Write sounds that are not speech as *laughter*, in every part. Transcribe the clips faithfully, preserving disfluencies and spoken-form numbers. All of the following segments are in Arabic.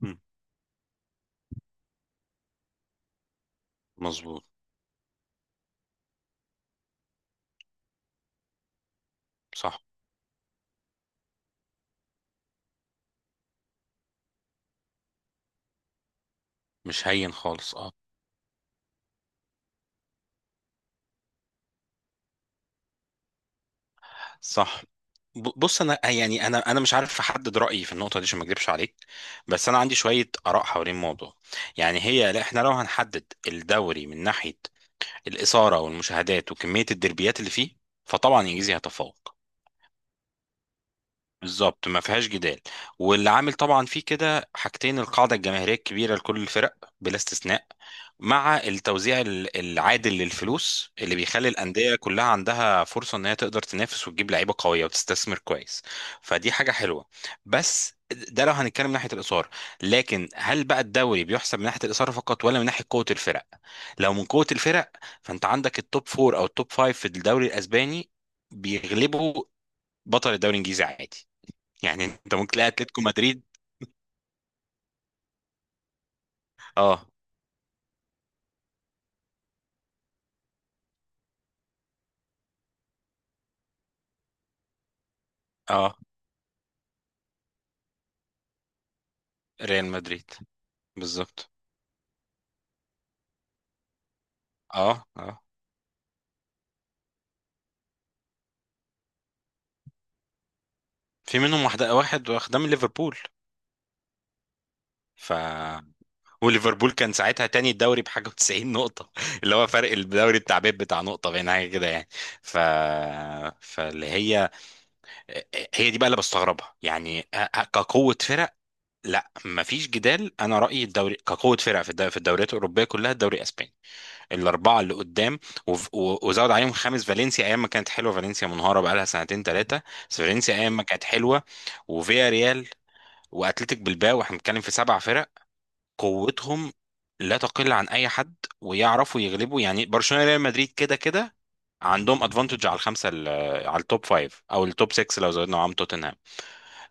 مم. مظبوط. صح. مش هين خالص، اه. صح. ب- بص، انا يعني انا انا مش عارف احدد رايي في النقطه دي عشان ما اكذبش عليك. بس انا عندي شويه اراء حوالين الموضوع. يعني هي، لا، احنا لو هنحدد الدوري من ناحيه الاثاره والمشاهدات وكميه الدربيات اللي فيه، فطبعا انجليزي هيتفوق بالظبط، ما فيهاش جدال. واللي عامل طبعا فيه كده حاجتين: القاعده الجماهيريه الكبيره لكل الفرق بلا استثناء، مع التوزيع ال- العادل للفلوس اللي بيخلي الانديه كلها عندها فرصه ان هي تقدر تنافس وتجيب لعيبه قويه وتستثمر كويس. فدي حاجه حلوه. بس ده لو هنتكلم من ناحيه الاثاره، لكن هل بقى الدوري بيحسب من ناحيه الاثاره فقط ولا من ناحيه قوه الفرق؟ لو من قوه الفرق، فانت عندك التوب فور او التوب فايف في الدوري الاسباني بيغلبوا بطل الدوري الانجليزي عادي. يعني انت ممكن تلاقي اتلتيكو مدريد، اه اه، ريال مدريد، بالظبط، اه اه. في منهم واحدة، واحد واخدها من ليفربول. ف وليفربول كان ساعتها تاني الدوري بحاجة و90 نقطة *laughs* اللي هو فرق الدوري بتاع بيب بتاع نقطة بين حاجة كده يعني. ف فاللي هي هي دي بقى اللي بستغربها يعني. كقوة فرق، لا مفيش جدال، انا رأيي الدوري كقوة فرق في الد- في الدوريات الأوروبية كلها الدوري الاسباني، الاربعه اللي قدام. وف- و- وزود عليهم خامس، فالنسيا ايام ما كانت حلوه، فالنسيا منهاره بقى لها سنتين ثلاثه. بس فالنسيا ايام ما كانت حلوه، وفيا ريال، واتلتيك بالباو، احنا بنتكلم في سبع فرق قوتهم لا تقل عن اي حد، ويعرفوا يغلبوا. يعني برشلونه ريال مدريد كده كده عندهم ادفانتج على الخمسه ال- على التوب فايف او التوب ستة لو زودنا معاهم توتنهام.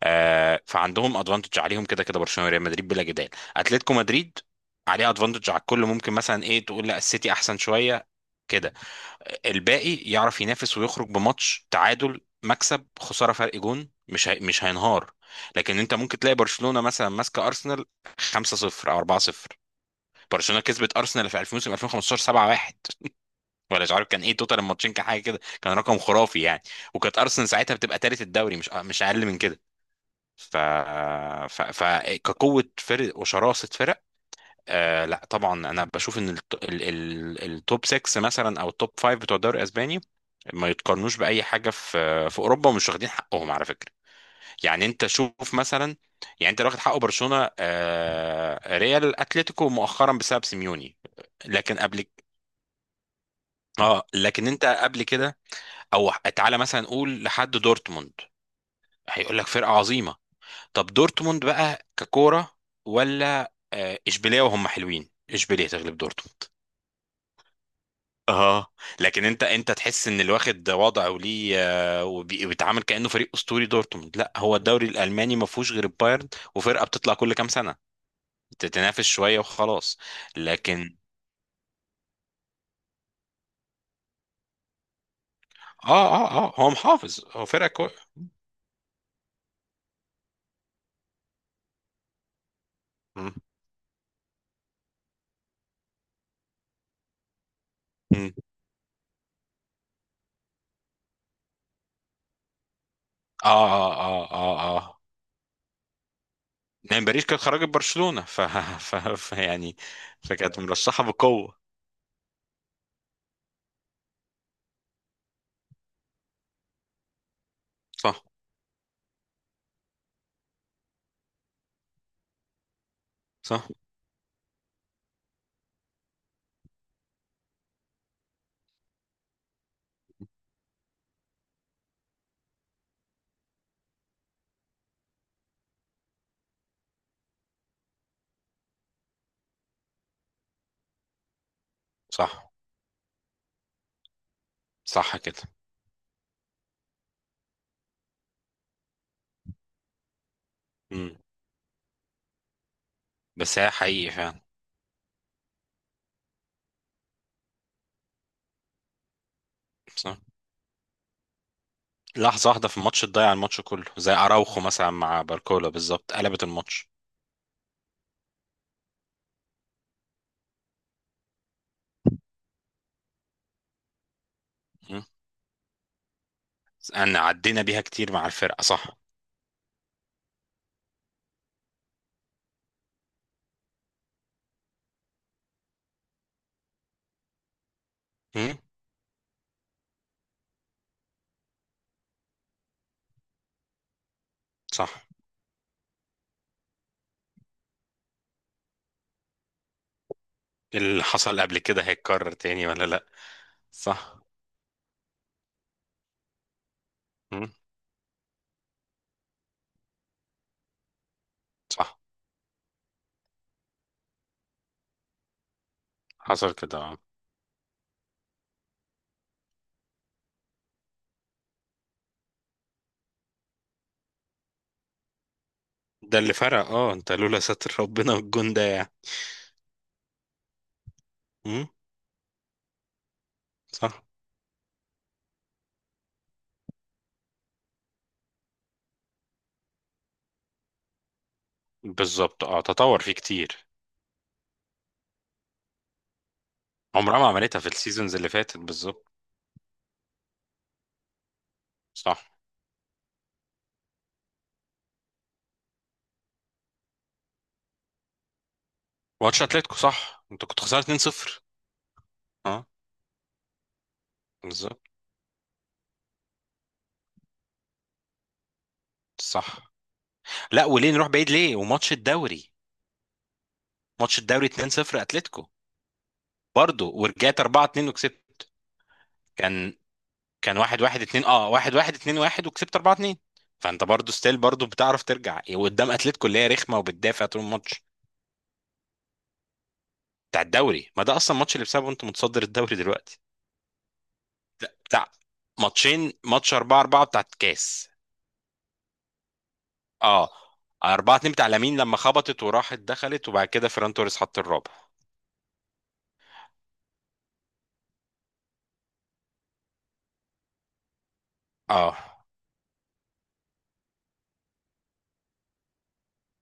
آه، فعندهم ادفانتج عليهم كده كده، برشلونه ريال مدريد بلا جدال. اتلتيكو مدريد عليه ادفانتج على الكل، ممكن مثلا ايه تقول لا السيتي احسن شويه كده. الباقي يعرف ينافس ويخرج بماتش تعادل مكسب خساره فرق جون، مش هي... مش هينهار. لكن انت ممكن تلاقي برشلونه مثلا ماسكه ارسنال خمسة صفر او أربعة صفر. برشلونه كسبت ارسنال في الفين ألفين وخمسة عشر سبعة واحد، ولا مش عارف كان ايه توتال الماتشين، كان حاجه كده، كان رقم خرافي يعني. وكانت ارسنال ساعتها بتبقى تالت الدوري، مش مش اقل من كده. ف... ف... ف كقوه فرق وشراسه فرق، آه، لا طبعا انا بشوف ان الت... ال... ال... التوب ستة مثلا او التوب خمسة بتوع الدوري الاسباني ما يتقارنوش باي حاجه في في اوروبا، ومش واخدين حقهم على فكره. يعني انت شوف مثلا، يعني انت لو واخد حقه برشلونه، آه، ريال، اتلتيكو مؤخرا بسبب سيميوني. لكن قبل، اه، لكن انت قبل كده، او تعالى مثلا نقول لحد دورتموند، هيقول لك فرقه عظيمه. طب دورتموند بقى ككوره، ولا، آه، اشبيليه، وهم حلوين اشبيليه تغلب دورتموند، اه. لكن انت انت تحس ان اللي واخد وضعه وليه، آه، وبي- وبيتعامل كانه فريق اسطوري. دورتموند لا، هو الدوري الالماني ما فيهوش غير البايرن وفرقه بتطلع كل كام سنه تتنافس شويه وخلاص. لكن اه اه اه هو محافظ، هو فرقه كو... مم. مم. اه اه اه اه اه يعني باريس كانت خرجت برشلونه، ف... ف... ف... يعني فكانت مرشحه بقوه. صح. صح صح صح كده. مم. بس هي حقيقي فعلا. صح. لحظة واحدة في الماتش تضيع الماتش كله، زي أراوخو مثلا مع باركولا، بالظبط قلبت الماتش. مم. أنا عدينا بيها كتير مع الفرقة، صح. مم. صح. اللي حصل قبل كده هيتكرر تاني ولا لأ. صح. مم. صح. حصل كده، آه. ده اللي فرق، اه، انت لولا ستر ربنا والجون ده يعني. مم. صح. بالظبط، اه، تطور فيه كتير. عمرها ما عملتها في السيزونز اللي فاتت، بالظبط. صح. ماتش اتلتيكو، صح، انت كنت خسران اتنين صفر. اه، بالظبط. صح. لا، وليه نروح بعيد، ليه وماتش الدوري، ماتش الدوري اتنين صفر، اتلتيكو، برضه ورجعت أربعة اتنين وكسبت. كان كان واحد واحد. اتنين، اه واحد واحد. اتنين واحد وكسبت أربعة اتنين. فانت برضه ستيل برضه بتعرف ترجع، وقدام اتلتيكو اللي هي رخمه وبتدافع طول الماتش بتاع الدوري. ما ده اصلا الماتش اللي بسببه انت متصدر الدوري دلوقتي. بتاع ماتشين، ماتش أربعة أربعة بتاع الكاس، اه، أربعة اثنين بتاع لامين لما خبطت وراحت دخلت، وبعد كده فيران توريس حط الرابع. اه،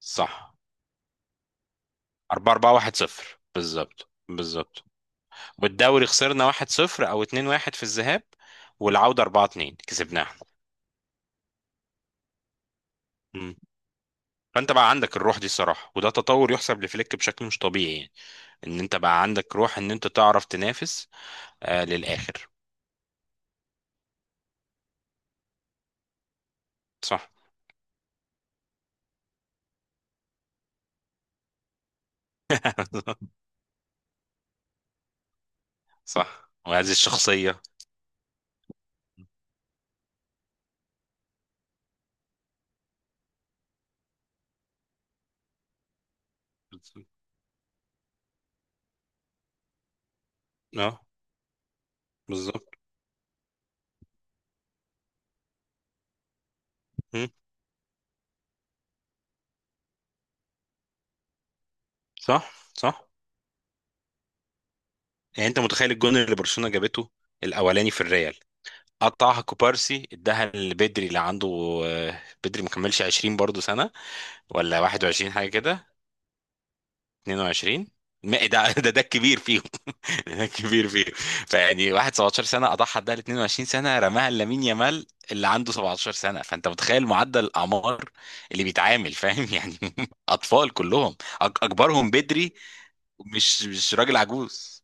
صح، أربعة أربعة واحد صفر، بالظبط بالظبط. والدوري خسرنا واحد صفر او اتنين واحد في الذهاب، والعودة أربعة اتنين كسبناها. مم. فانت بقى عندك الروح دي صراحة، وده تطور يحسب لفليك بشكل مش طبيعي يعني، ان انت بقى عندك روح ان انت تعرف تنافس، آه للآخر. صح. *laughs* صح، وهذه الشخصية. *laughs* اه، بالظبط. مم. صح صح. يعني انت متخيل الجون اللي برشلونة جابته الاولاني في الريال، قطعها كوبارسي اداها لبدري اللي عنده، آه، بدري مكملش عشرين برضه سنة، ولا واحد وعشرين حاجة كده، اتنين وعشرين. ما- ده *laughs* ده ده الكبير فيهم. *laughs* ده الكبير فيهم. فيعني واحد سبعتاشر سنه اضحى ده ل اتنين وعشرين سنه رماها لامين يامال اللي عنده سبعة عشر سنه. فانت متخيل معدل الاعمار اللي بيتعامل، فاهم يعني. *laughs* اطفال كلهم، أك- اكبرهم بدري، مش مش راجل عجوز.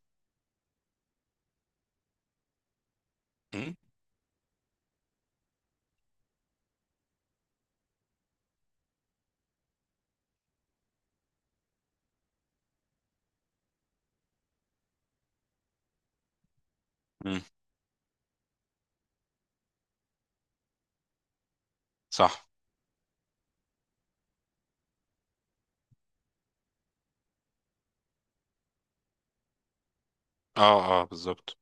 م? م. صح. اه اه، بالظبط.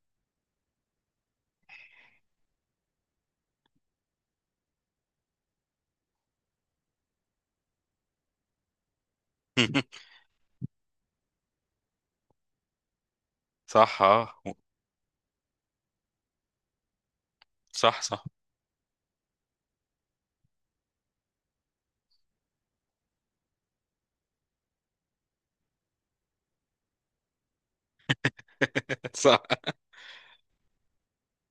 *laughs* صح، اه. صح صح. *laughs* صح.